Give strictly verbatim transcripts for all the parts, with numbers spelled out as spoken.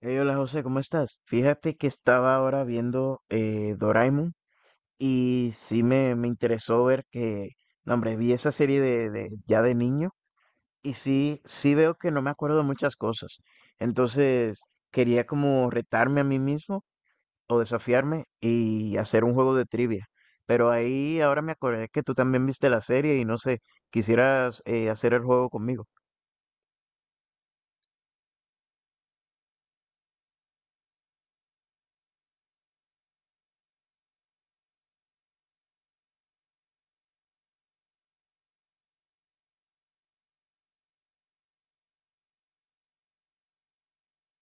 Hey, hola José, ¿cómo estás? Fíjate que estaba ahora viendo eh, Doraemon y sí me, me interesó ver que, no, hombre, vi esa serie de, de- ya de niño y sí, sí veo que no me acuerdo de muchas cosas. Entonces quería como retarme a mí mismo o desafiarme y hacer un juego de trivia. Pero ahí ahora me acordé que tú también viste la serie y no sé, quisieras eh, hacer el juego conmigo.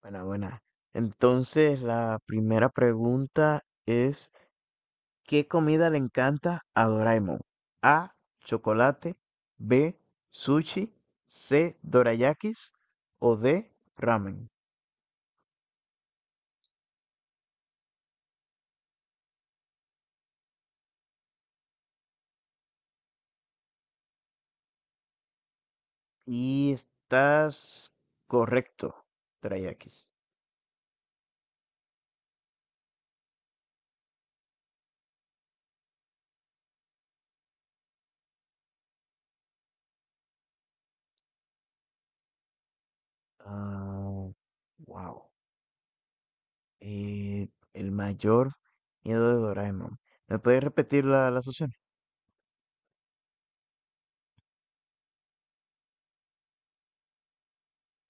Buena, buena. Entonces la primera pregunta es... ¿Qué comida le encanta a Doraemon? A. Chocolate. B. Sushi. C. Dorayakis. O D. Ramen. Y estás correcto, Dorayakis. Ah, wow. Eh, el mayor miedo de Doraemon. ¿Me puedes repetir la, las opciones?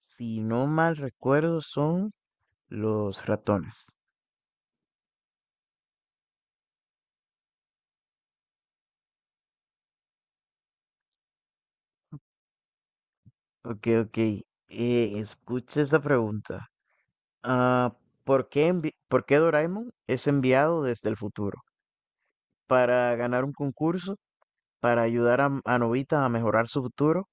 Si no mal recuerdo, son los ratones. Ok, ok. Eh, escucha esta pregunta. Ah, ¿por qué, envi- ¿por qué Doraemon es enviado desde el futuro? ¿Para ganar un concurso? ¿Para ayudar a, a Nobita a mejorar su futuro?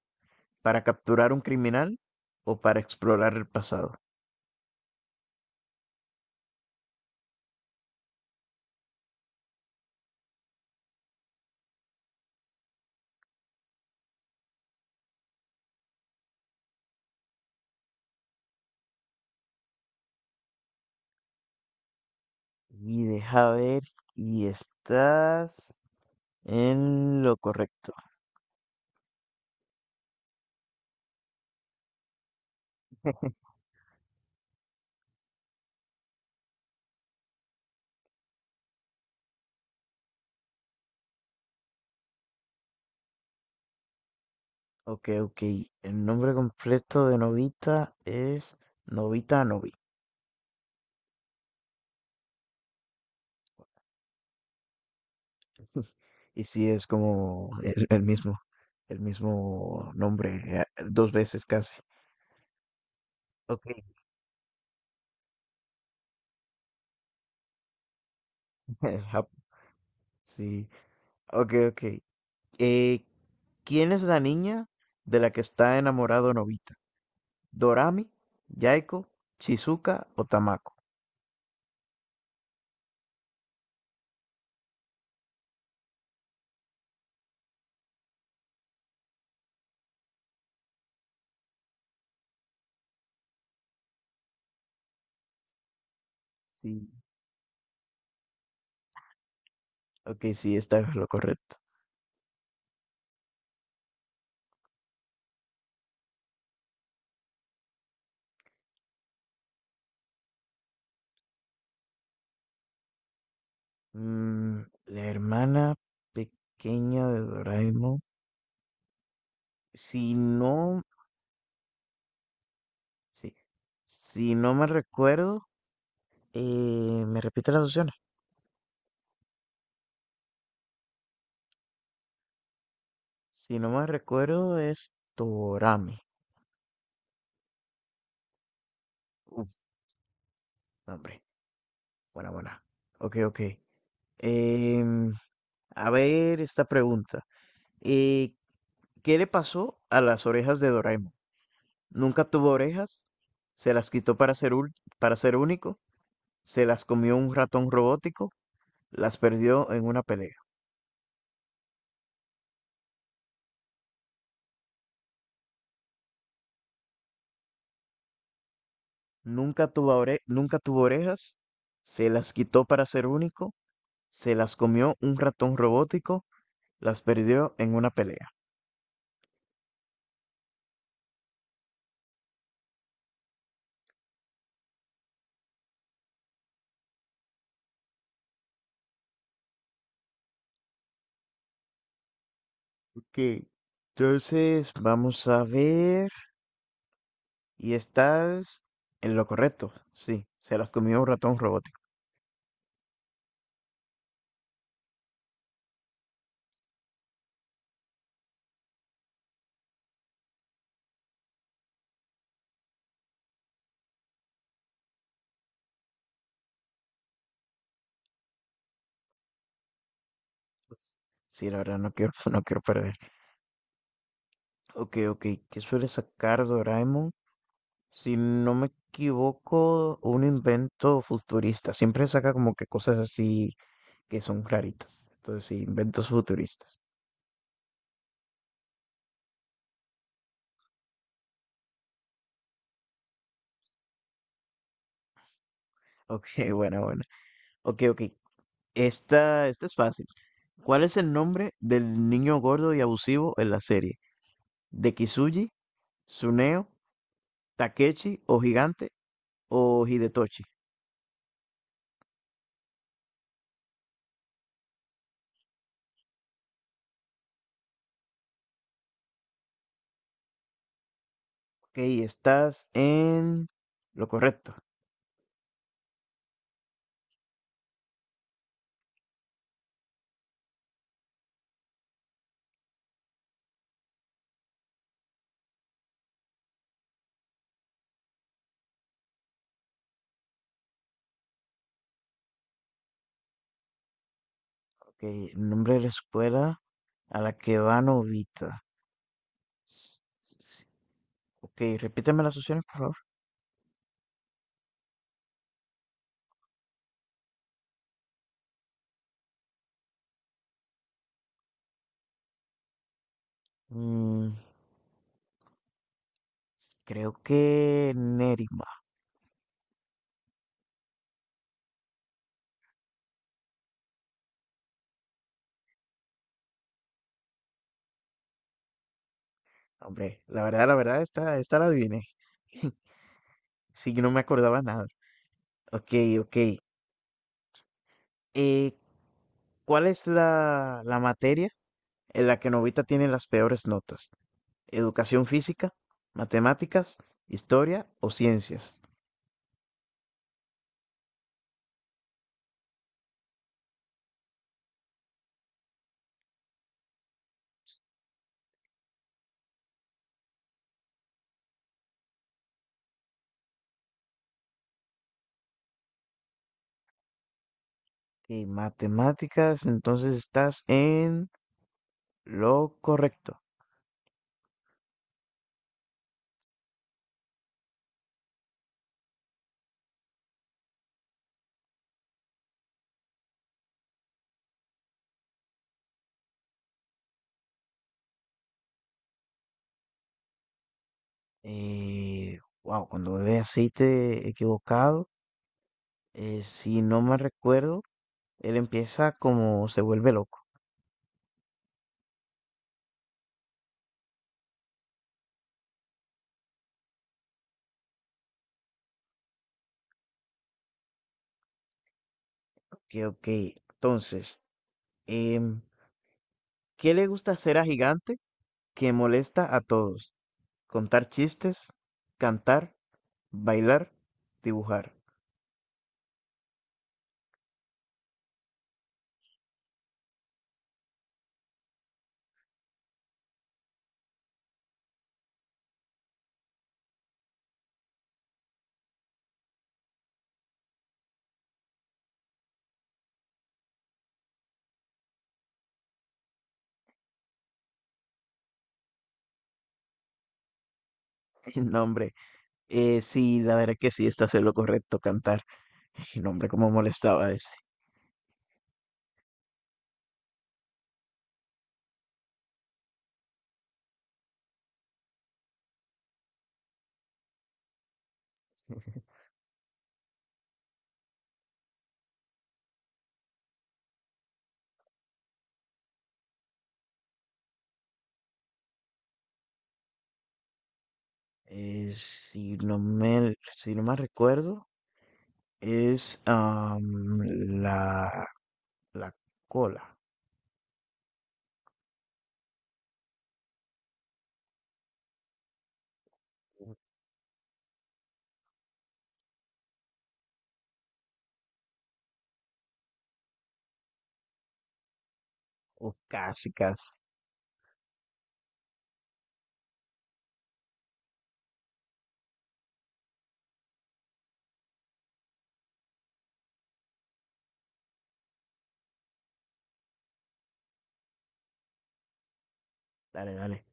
¿Para capturar un criminal? ¿O para explorar el pasado? Y deja ver, y estás en lo correcto. Ok, ok. El nombre completo de Nobita es Nobita Novi. Y sí, es como el, el mismo, el mismo nombre, eh, dos veces casi. Ok, El Jap- Sí, ok, ok. Eh, ¿Quién es la niña de la que está enamorado Nobita? ¿Dorami, Yaiko, Shizuka o Tamako? Sí, ok, sí, esta es lo correcto. Mm, la hermana pequeña de Doraemon. Si no, sí, si no me recuerdo, eh, me repite las opciones. Si no me recuerdo, es Dorami. Uf, hombre, buena, buena. Ok, ok. Em, A ver esta pregunta. eh, ¿Qué le pasó a las orejas de Doraemon? ¿Nunca tuvo orejas? ¿Se las quitó para ser, ul- para ser único? ¿Se las comió un ratón robótico? ¿Las perdió en una pelea? ¿Nunca tuvo ore- ¿nunca tuvo orejas? ¿Se las quitó para ser único? ¿Se las comió un ratón robótico? ¿Las perdió en una pelea? Ok, entonces, vamos a ver. Y estás en lo correcto. Sí, se las comió un ratón robótico. Pues, sí, la verdad, no quiero, no quiero perder. Ok, ok. ¿Qué suele sacar Doraemon? Si no me equivoco, un invento futurista. Siempre saca como que cosas así que son claritas. Entonces, sí, inventos futuristas. Ok, bueno, bueno. Ok, ok. Esta, esta es fácil. ¿Cuál es el nombre del niño gordo y abusivo en la serie? ¿De Kisuji, Tsuneo, Takechi o Gigante o Hidetoshi? Ok, estás en lo correcto. Okey, nombre de la escuela a la que va Novita. Okey, repíteme las opciones, por favor. Mm, creo que Nerima. Hombre, la verdad, la verdad, esta esta la adiviné. Sí, yo no me acordaba nada. Okey, okey. Eh, ¿Cuál es la la materia en la que Novita tiene las peores notas? ¿Educación física, matemáticas, historia o ciencias? Okey, matemáticas, entonces estás en lo correcto. Wow, cuando bebe aceite equivocado, eh, si no me recuerdo, él empieza como se vuelve loco. Que ok, entonces, em, ¿qué le gusta hacer a Gigante que molesta a todos? Contar chistes, cantar, bailar, dibujar. No, hombre, eh, sí, la verdad que sí, está haciendo lo correcto, cantar. No, hombre, cómo molestaba a ese. Eh, si no me, si no me recuerdo. Es am, la, la cola. O casi, casi. Dale, dale.